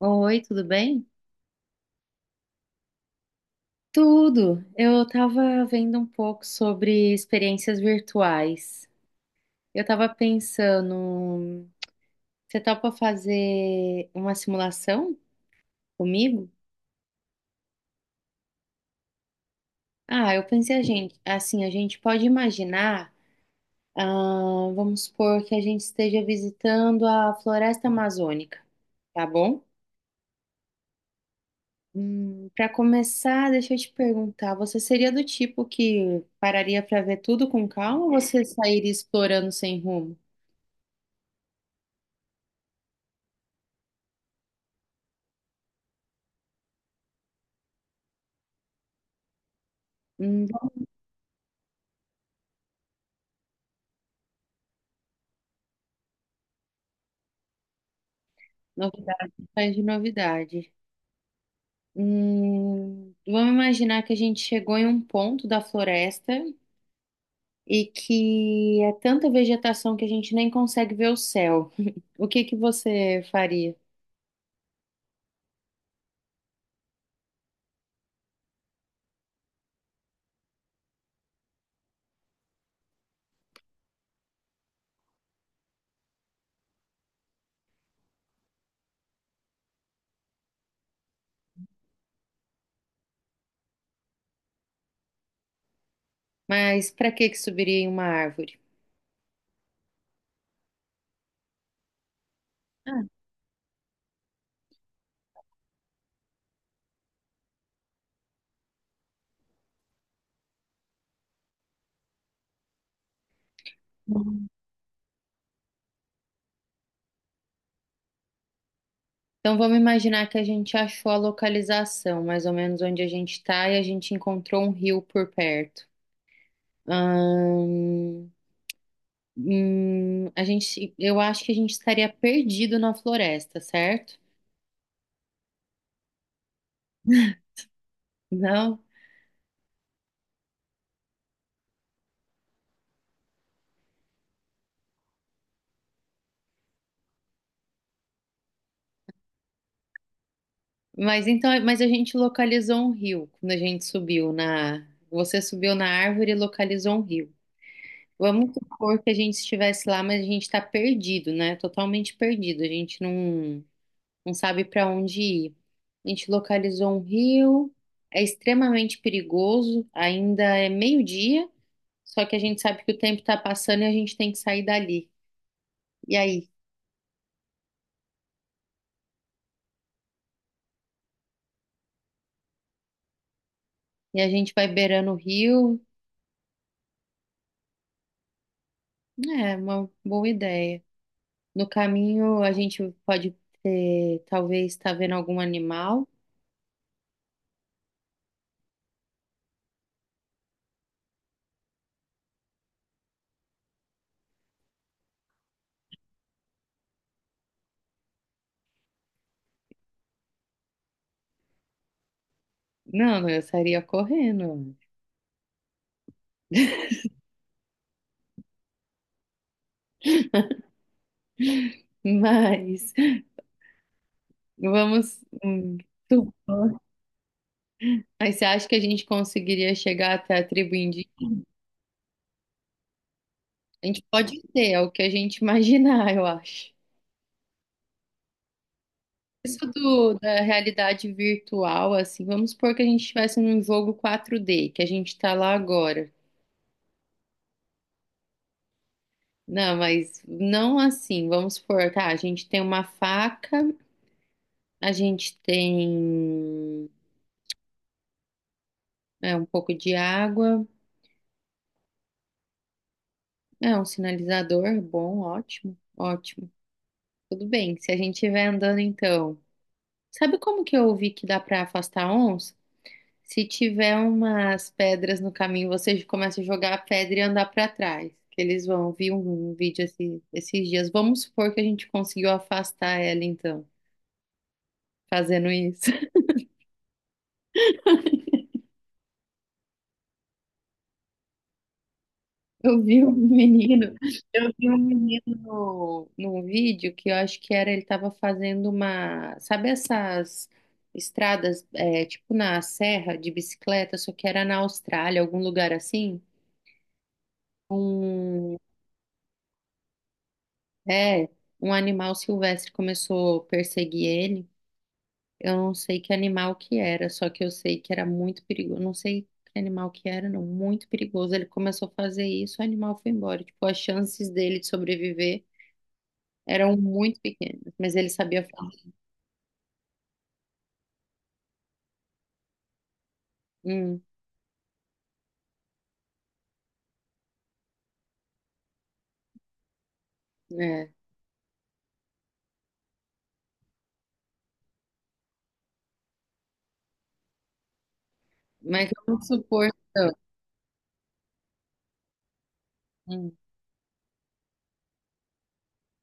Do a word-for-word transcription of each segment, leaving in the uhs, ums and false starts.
Oi, tudo bem? Tudo. Eu estava vendo um pouco sobre experiências virtuais. Eu estava pensando, você topa fazer uma simulação comigo? Ah, eu pensei a gente, assim, a gente pode imaginar, ah, vamos supor que a gente esteja visitando a floresta amazônica, tá bom? Hum, para começar, deixa eu te perguntar, você seria do tipo que pararia para ver tudo com calma ou você sairia explorando sem rumo? Hum, novidade, faz de novidade. Hum, vamos imaginar que a gente chegou em um ponto da floresta e que é tanta vegetação que a gente nem consegue ver o céu. O que que você faria? Mas para que que subiria em uma árvore? Ah. Então vamos imaginar que a gente achou a localização, mais ou menos onde a gente está, e a gente encontrou um rio por perto. Ahn, Hum, a gente, eu acho que a gente estaria perdido na floresta, certo? Não. Mas então, mas a gente localizou um rio quando a gente subiu na. Você subiu na árvore e localizou um rio. Vamos supor que a gente estivesse lá, mas a gente está perdido, né? Totalmente perdido. A gente não, não sabe para onde ir. A gente localizou um rio, é extremamente perigoso, ainda é meio-dia, só que a gente sabe que o tempo está passando e a gente tem que sair dali. E aí? E a gente vai beirando o rio. É uma boa ideia. No caminho, a gente pode ter, talvez, estar vendo algum animal. Não, não, eu estaria correndo. Mas vamos. hum, tu- Mas você acha que a gente conseguiria chegar até a tribo indígena? A gente pode ter, é o que a gente imaginar, eu acho. Isso do, da realidade virtual, assim, vamos supor que a gente estivesse num jogo quatro dê que a gente está lá agora. Não, mas não assim. Vamos supor, tá? A gente tem uma faca, a gente tem é, um pouco de água, é um sinalizador, bom, ótimo, ótimo. Tudo bem. Se a gente estiver andando, então. Sabe como que eu ouvi que dá pra afastar onça? Se tiver umas pedras no caminho, você começa a jogar a pedra e andar pra trás. Que eles vão. Vi um, um vídeo esse- esses dias. Vamos supor que a gente conseguiu afastar ela, então, fazendo isso. Eu vi um menino, eu vi um menino no, num vídeo que eu acho que era, ele tava fazendo uma, sabe essas estradas, é, tipo na serra de bicicleta, só que era na Austrália, algum lugar assim? Um, é, um animal silvestre começou a perseguir ele. Eu não sei que animal que era, só que eu sei que era muito perigoso. Não sei que animal que era, não, muito perigoso. Ele começou a fazer isso, o animal foi embora. Tipo, as chances dele de sobreviver. Eram muito pequenos, mas ele sabia falar. Hum, é. Mas vamos supor. então, hum,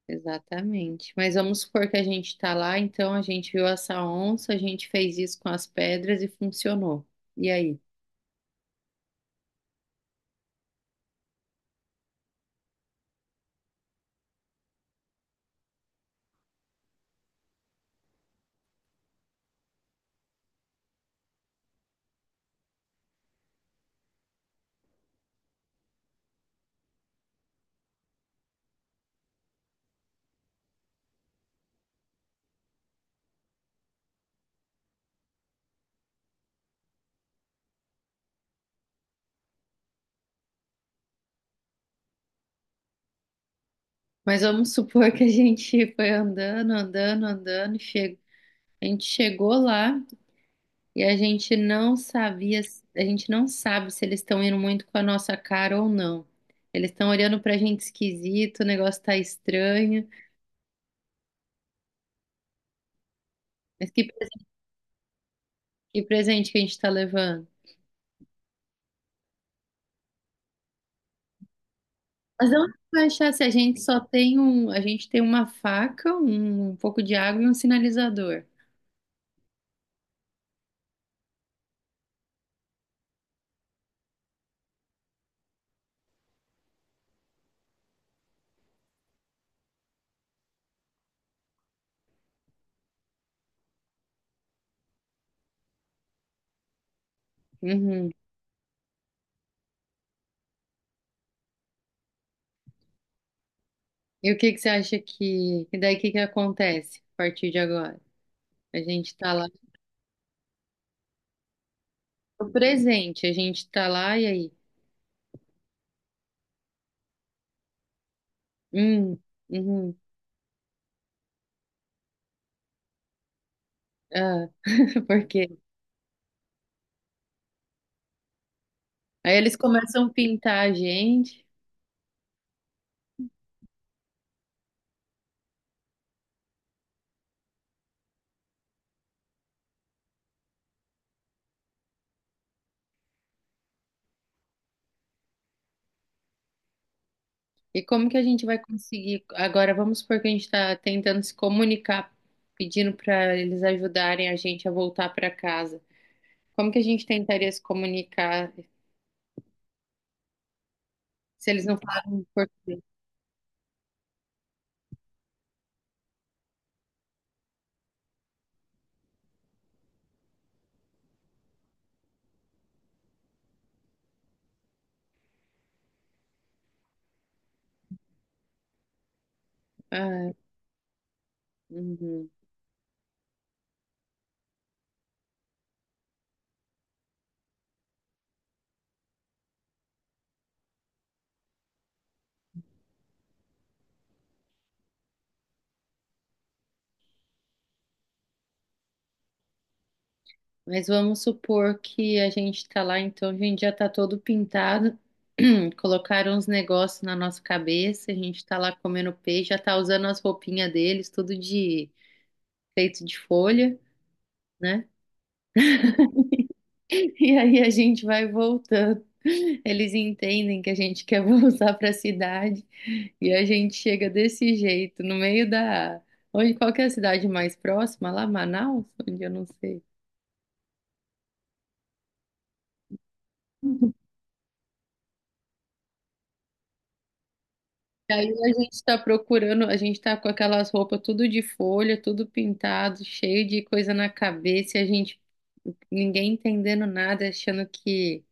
exatamente. Mas vamos supor que a gente está lá, então a gente viu essa onça, a gente fez isso com as pedras e funcionou. E aí? Mas vamos supor que a gente foi andando, andando, andando e chegou. A gente chegou lá e a gente não sabia, a gente não sabe se eles estão indo muito com a nossa cara ou não. Eles estão olhando pra gente esquisito, o negócio tá estranho. Mas que. Que presente que a gente está levando? Mas onde vai achar se a gente só tem um, a gente tem uma faca, um, pouco de água e um sinalizador. Uhum. E o que que você acha que, e daí o que que acontece a partir de agora? A gente tá lá, o presente, a gente tá lá e aí? Hum, uhum, ah, por quê? Aí eles começam a pintar a gente, e como que a gente vai conseguir? Agora vamos supor que a gente está tentando se comunicar, pedindo para eles ajudarem a gente a voltar para casa. Como que a gente tentaria se comunicar se eles não falam por... Ah, uhum. Mas vamos supor que a gente está lá, então a gente já está todo pintado, colocaram uns negócios na nossa cabeça, a gente está lá comendo peixe, já está usando as roupinhas deles, tudo de feito de folha, né? E aí a gente vai voltando. Eles entendem que a gente quer voltar para a cidade e a gente chega desse jeito, no meio da. Onde, qual que é a cidade mais próxima? Lá, Manaus? Onde eu não sei. E aí a gente está procurando, a gente está com aquelas roupas tudo de folha, tudo pintado, cheio de coisa na cabeça, e a gente, ninguém entendendo nada, achando que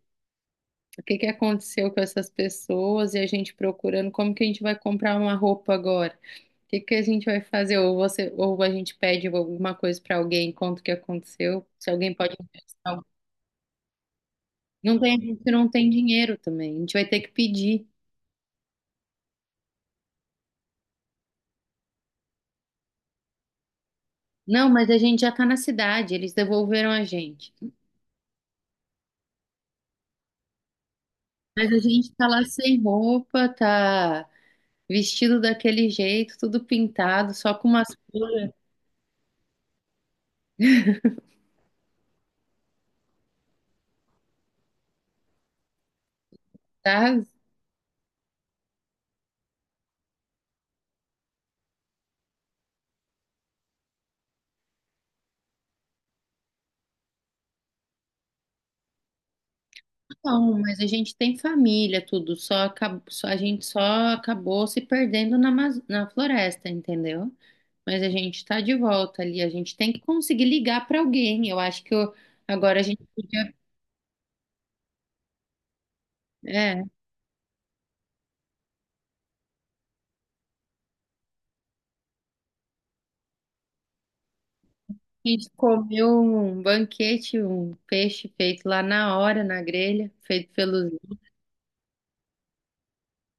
o que que aconteceu com essas pessoas e a gente procurando como que a gente vai comprar uma roupa agora? O que que a gente vai fazer? Ou você, ou a gente pede alguma coisa para alguém, conta o que aconteceu, se alguém pode emprestar. Não tem, a gente não tem dinheiro também, a gente vai ter que pedir. Não, mas a gente já tá na cidade, eles devolveram a gente. Mas a gente tá lá sem roupa, tá vestido daquele jeito, tudo pintado, só com umas flores, tá? Não, mas a gente tem família, tudo, só, acab- só, a gente só acabou se perdendo na, Amaz- na floresta, entendeu? Mas a gente tá de volta ali, a gente tem que conseguir ligar pra alguém. Eu acho que eu- agora a gente podia, é, a gente comeu um banquete, um peixe feito lá na hora, na grelha, feito pelos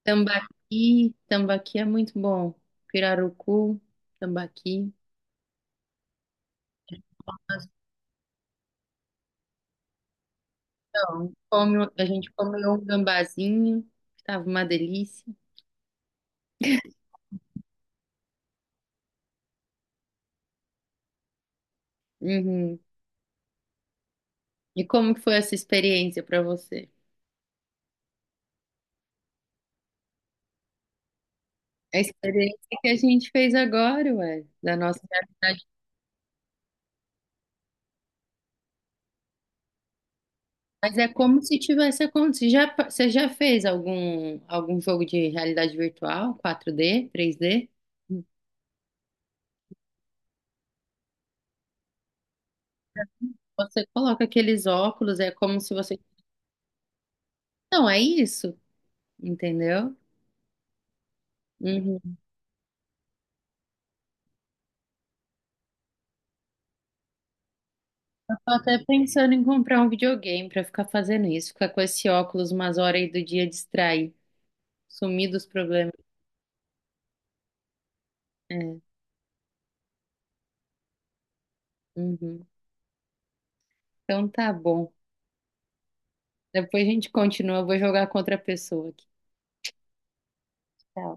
tambaqui, tambaqui é muito bom, pirarucu, tambaqui. Então, come- a gente comeu um gambazinho, que tava uma delícia. Uhum. E como que foi essa experiência para você? A experiência que a gente fez agora, ué, da nossa realidade. Mas é como se tivesse acontecido. Já, pa- você já fez algum, algum jogo de realidade virtual, quatro dê três dê? Você coloca aqueles óculos, é como se você. Não, é isso, entendeu? Uhum. Eu tô até pensando em comprar um videogame para ficar fazendo isso, ficar com esse óculos umas horas aí do dia distrair, sumir dos problemas. É. Uhum. Então tá bom. Depois a gente continua. Eu vou jogar contra a pessoa aqui. Tá?